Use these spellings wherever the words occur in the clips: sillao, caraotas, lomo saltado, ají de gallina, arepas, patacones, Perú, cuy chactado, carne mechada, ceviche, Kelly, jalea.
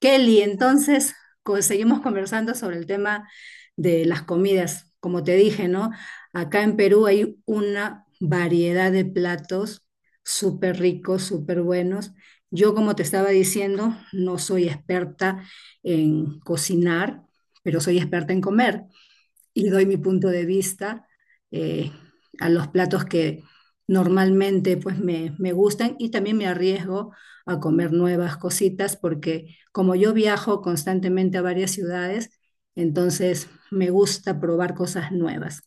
Kelly, entonces seguimos conversando sobre el tema de las comidas. Como te dije, ¿no? Acá en Perú hay una variedad de platos súper ricos, súper buenos. Yo, como te estaba diciendo, no soy experta en cocinar, pero soy experta en comer y doy mi punto de vista eh, a los platos que normalmente pues me gustan y también me arriesgo a comer nuevas cositas porque como yo viajo constantemente a varias ciudades, entonces me gusta probar cosas nuevas.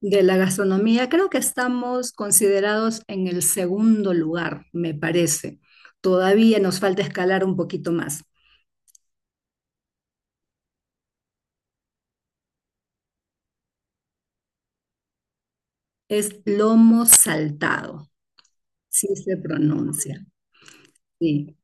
De la gastronomía, creo que estamos considerados en el segundo lugar, me parece. Todavía nos falta escalar un poquito más. Es lomo saltado, sí se pronuncia. Sí.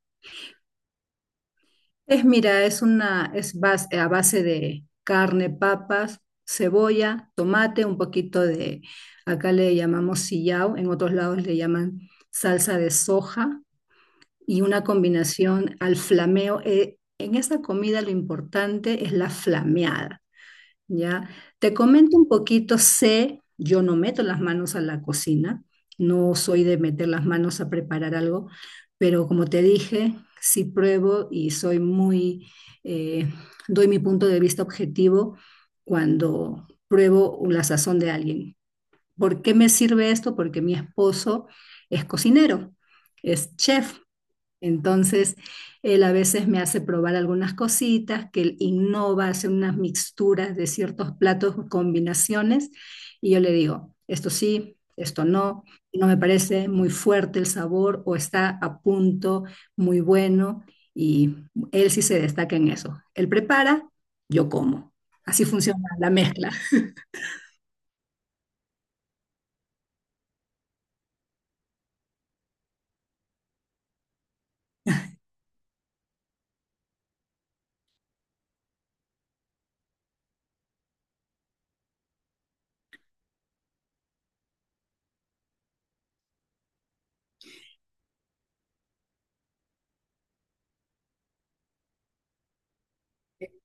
Es, mira, es una, es a base de carne, papas, cebolla, tomate, un poquito de, acá le llamamos sillao, en otros lados le llaman salsa de soja y una combinación al flameo. En esta comida lo importante es la flameada. Ya, te comento un poquito, sé, yo no meto las manos a la cocina, no soy de meter las manos a preparar algo, pero como te dije, sí pruebo y soy muy, eh, doy mi punto de vista objetivo cuando pruebo la sazón de alguien. ¿Por qué me sirve esto? Porque mi esposo es cocinero, es chef, entonces, él a veces me hace probar algunas cositas, que él innova, hace unas mixturas de ciertos platos, combinaciones, y yo le digo, esto sí, esto no, no me parece muy fuerte el sabor o está a punto, muy bueno, y él sí se destaca en eso. Él prepara, yo como. Así funciona la mezcla.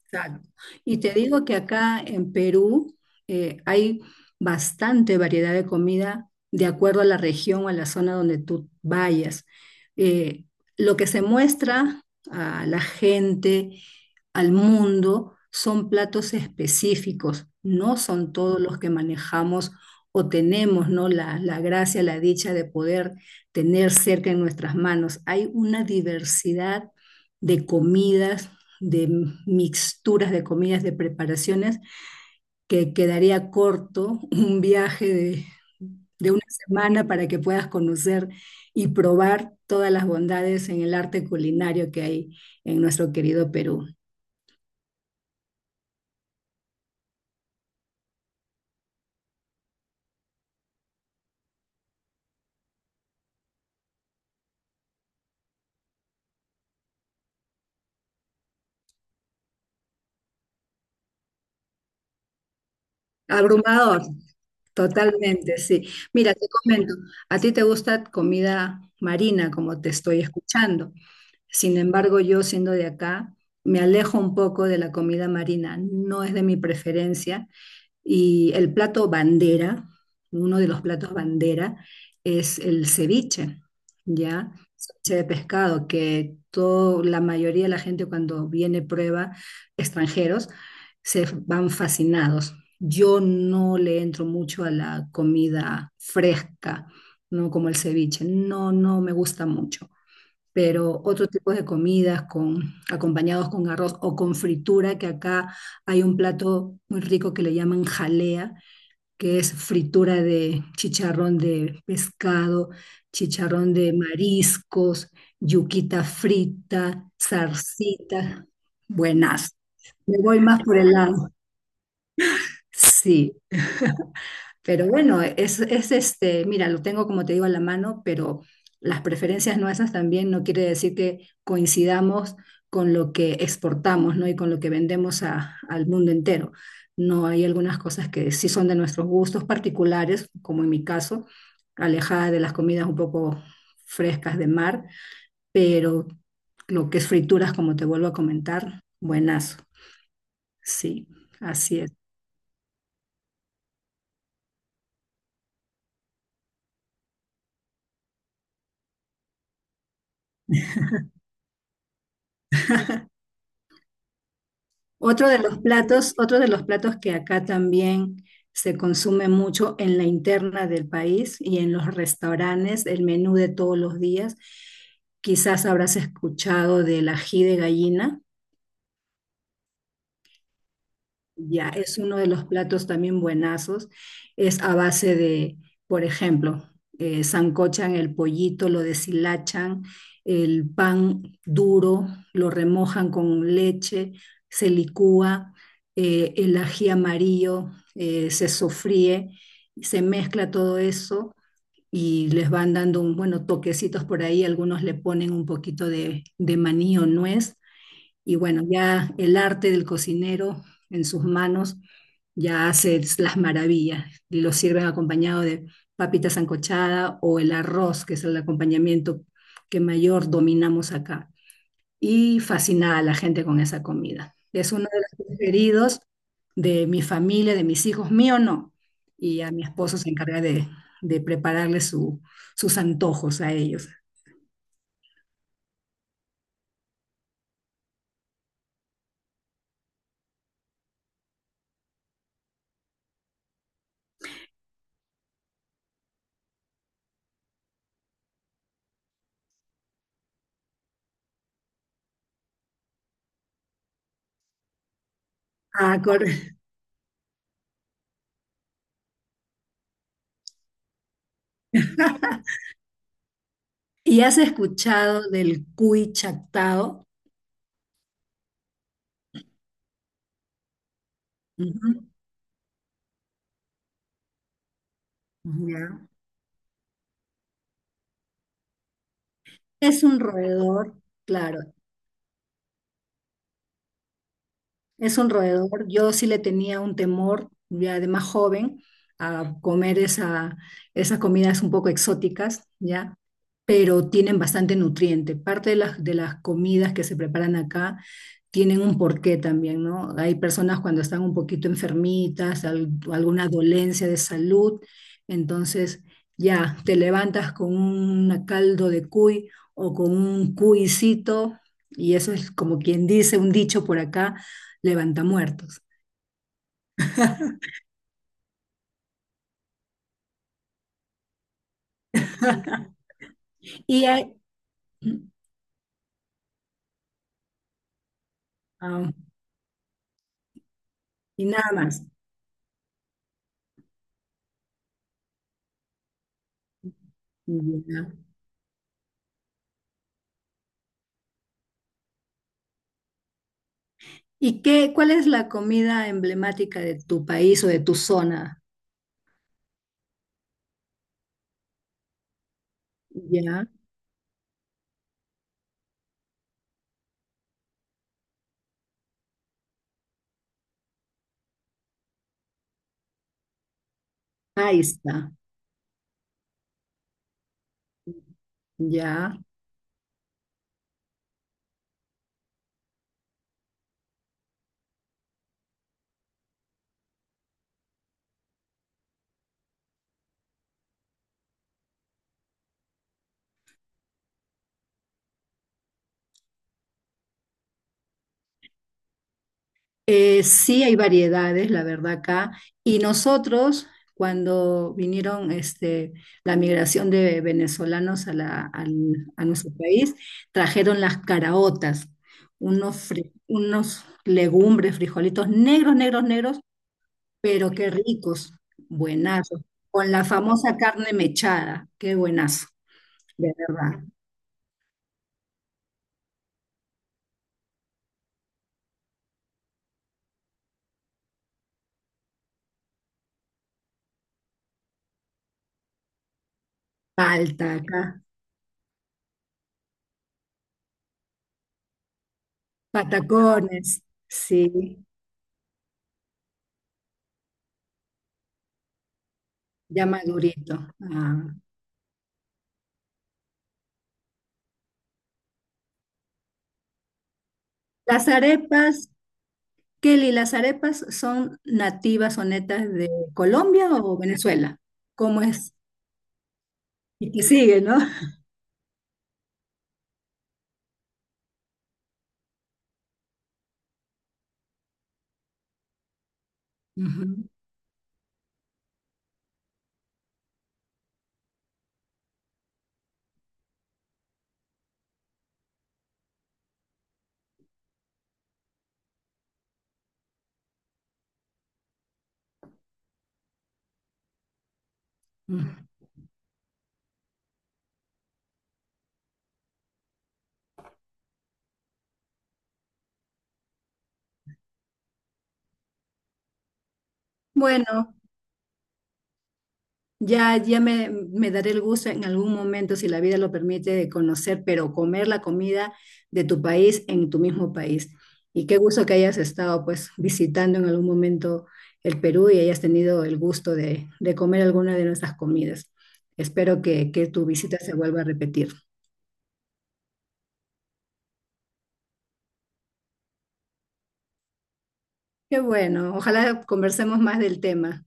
Claro. Y te digo que acá en Perú hay bastante variedad de comida de acuerdo a la región o a la zona donde tú vayas. Eh, lo que se muestra a la gente, al mundo, son platos específicos, no son todos los que manejamos o tenemos, ¿no? La gracia, la dicha de poder tener cerca en nuestras manos. Hay una diversidad de comidas de mixturas de comidas, de preparaciones, que quedaría corto un viaje de una semana para que puedas conocer y probar todas las bondades en el arte culinario que hay en nuestro querido Perú. Abrumador, totalmente, sí. Mira, te comento, a ti te gusta comida marina, como te estoy escuchando. Sin embargo, yo siendo de acá, me alejo un poco de la comida marina, no es de mi preferencia. Y el plato bandera, uno de los platos bandera, es el ceviche, ¿ya? Ceviche de pescado, que todo, la mayoría de la gente cuando viene prueba, extranjeros, se van fascinados. Yo no le entro mucho a la comida fresca, ¿no? Como el ceviche, no me gusta mucho pero otro tipo de comidas con, acompañados con arroz o con fritura, que acá hay un plato muy rico que le llaman jalea, que es fritura de chicharrón de pescado, chicharrón de mariscos, yuquita frita, zarcita, buenas. Me voy más por el lado. Sí, pero bueno, es este, mira, lo tengo como te digo a la mano, pero las preferencias nuestras también no quiere decir que coincidamos con lo que exportamos, ¿no? Y con lo que vendemos al mundo entero. No hay algunas cosas que sí son de nuestros gustos particulares, como en mi caso, alejada de las comidas un poco frescas de mar, pero lo que es frituras, como te vuelvo a comentar, buenazo. Sí, así es. Otro de los platos, otro de los platos que acá también se consume mucho en la interna del país y en los restaurantes, el menú de todos los días. Quizás habrás escuchado del ají de gallina. Ya, es uno de los platos también buenazos. Es a base de, por ejemplo, sancochan el pollito, lo deshilachan, el pan duro, lo remojan con leche, se licúa, el ají amarillo, se sofríe, se mezcla todo eso y les van dando un, bueno, toquecitos por ahí. Algunos le ponen un poquito de maní o nuez y bueno, ya el arte del cocinero en sus manos ya hace las maravillas y lo sirven acompañado de papita sancochada o el arroz, que es el acompañamiento que mayor dominamos acá. Y fascinada a la gente con esa comida. Es uno de los preferidos de mi familia, de mis hijos, mío no. Y a mi esposo se encarga de prepararle sus antojos a ellos. Ah, cor- ¿Y has escuchado del cuy chactado? Ujú, ujú, ya. Es un roedor, claro. Es un roedor. Yo sí le tenía un temor, ya de más joven, a comer esa, esas comidas un poco exóticas, ¿ya? Pero tienen bastante nutriente. Parte de de las comidas que se preparan acá tienen un porqué también, ¿no? Hay personas cuando están un poquito enfermitas, alguna dolencia de salud, entonces ya te levantas con un caldo de cuy o con un cuicito, y eso es como quien dice, un dicho por acá levanta muertos. Y, hay- ah, y nada más. Ya. ¿Y qué, cuál es la comida emblemática de tu país o de tu zona? Ya, ahí está, ya. Sí hay variedades, la verdad, acá. Y nosotros, cuando vinieron este, la migración de venezolanos a nuestro país, trajeron las caraotas, unos, unos legumbres, frijolitos negros, negros, negros, pero qué ricos, buenazo. Con la famosa carne mechada, qué buenazo, de verdad. Palta acá, patacones, sí, ya madurito. Ah. Las arepas, Kelly, ¿las arepas son nativas o netas de Colombia o Venezuela? ¿Cómo es? Y que sigue, ¿no? Ujú, ujú. Bueno, ya, ya me daré el gusto en algún momento, si la vida lo permite, de conocer, pero comer la comida de tu país en tu mismo país. Y qué gusto que hayas estado pues visitando en algún momento el Perú y hayas tenido el gusto de comer alguna de nuestras comidas. Espero que tu visita se vuelva a repetir. Qué bueno, ojalá conversemos más del tema.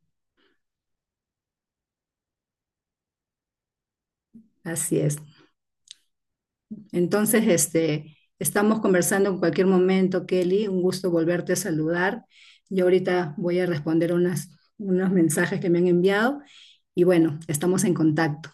Así es. Entonces, este, estamos conversando en cualquier momento, Kelly. Un gusto volverte a saludar. Yo ahorita voy a responder unas, unos mensajes que me han enviado y bueno, estamos en contacto.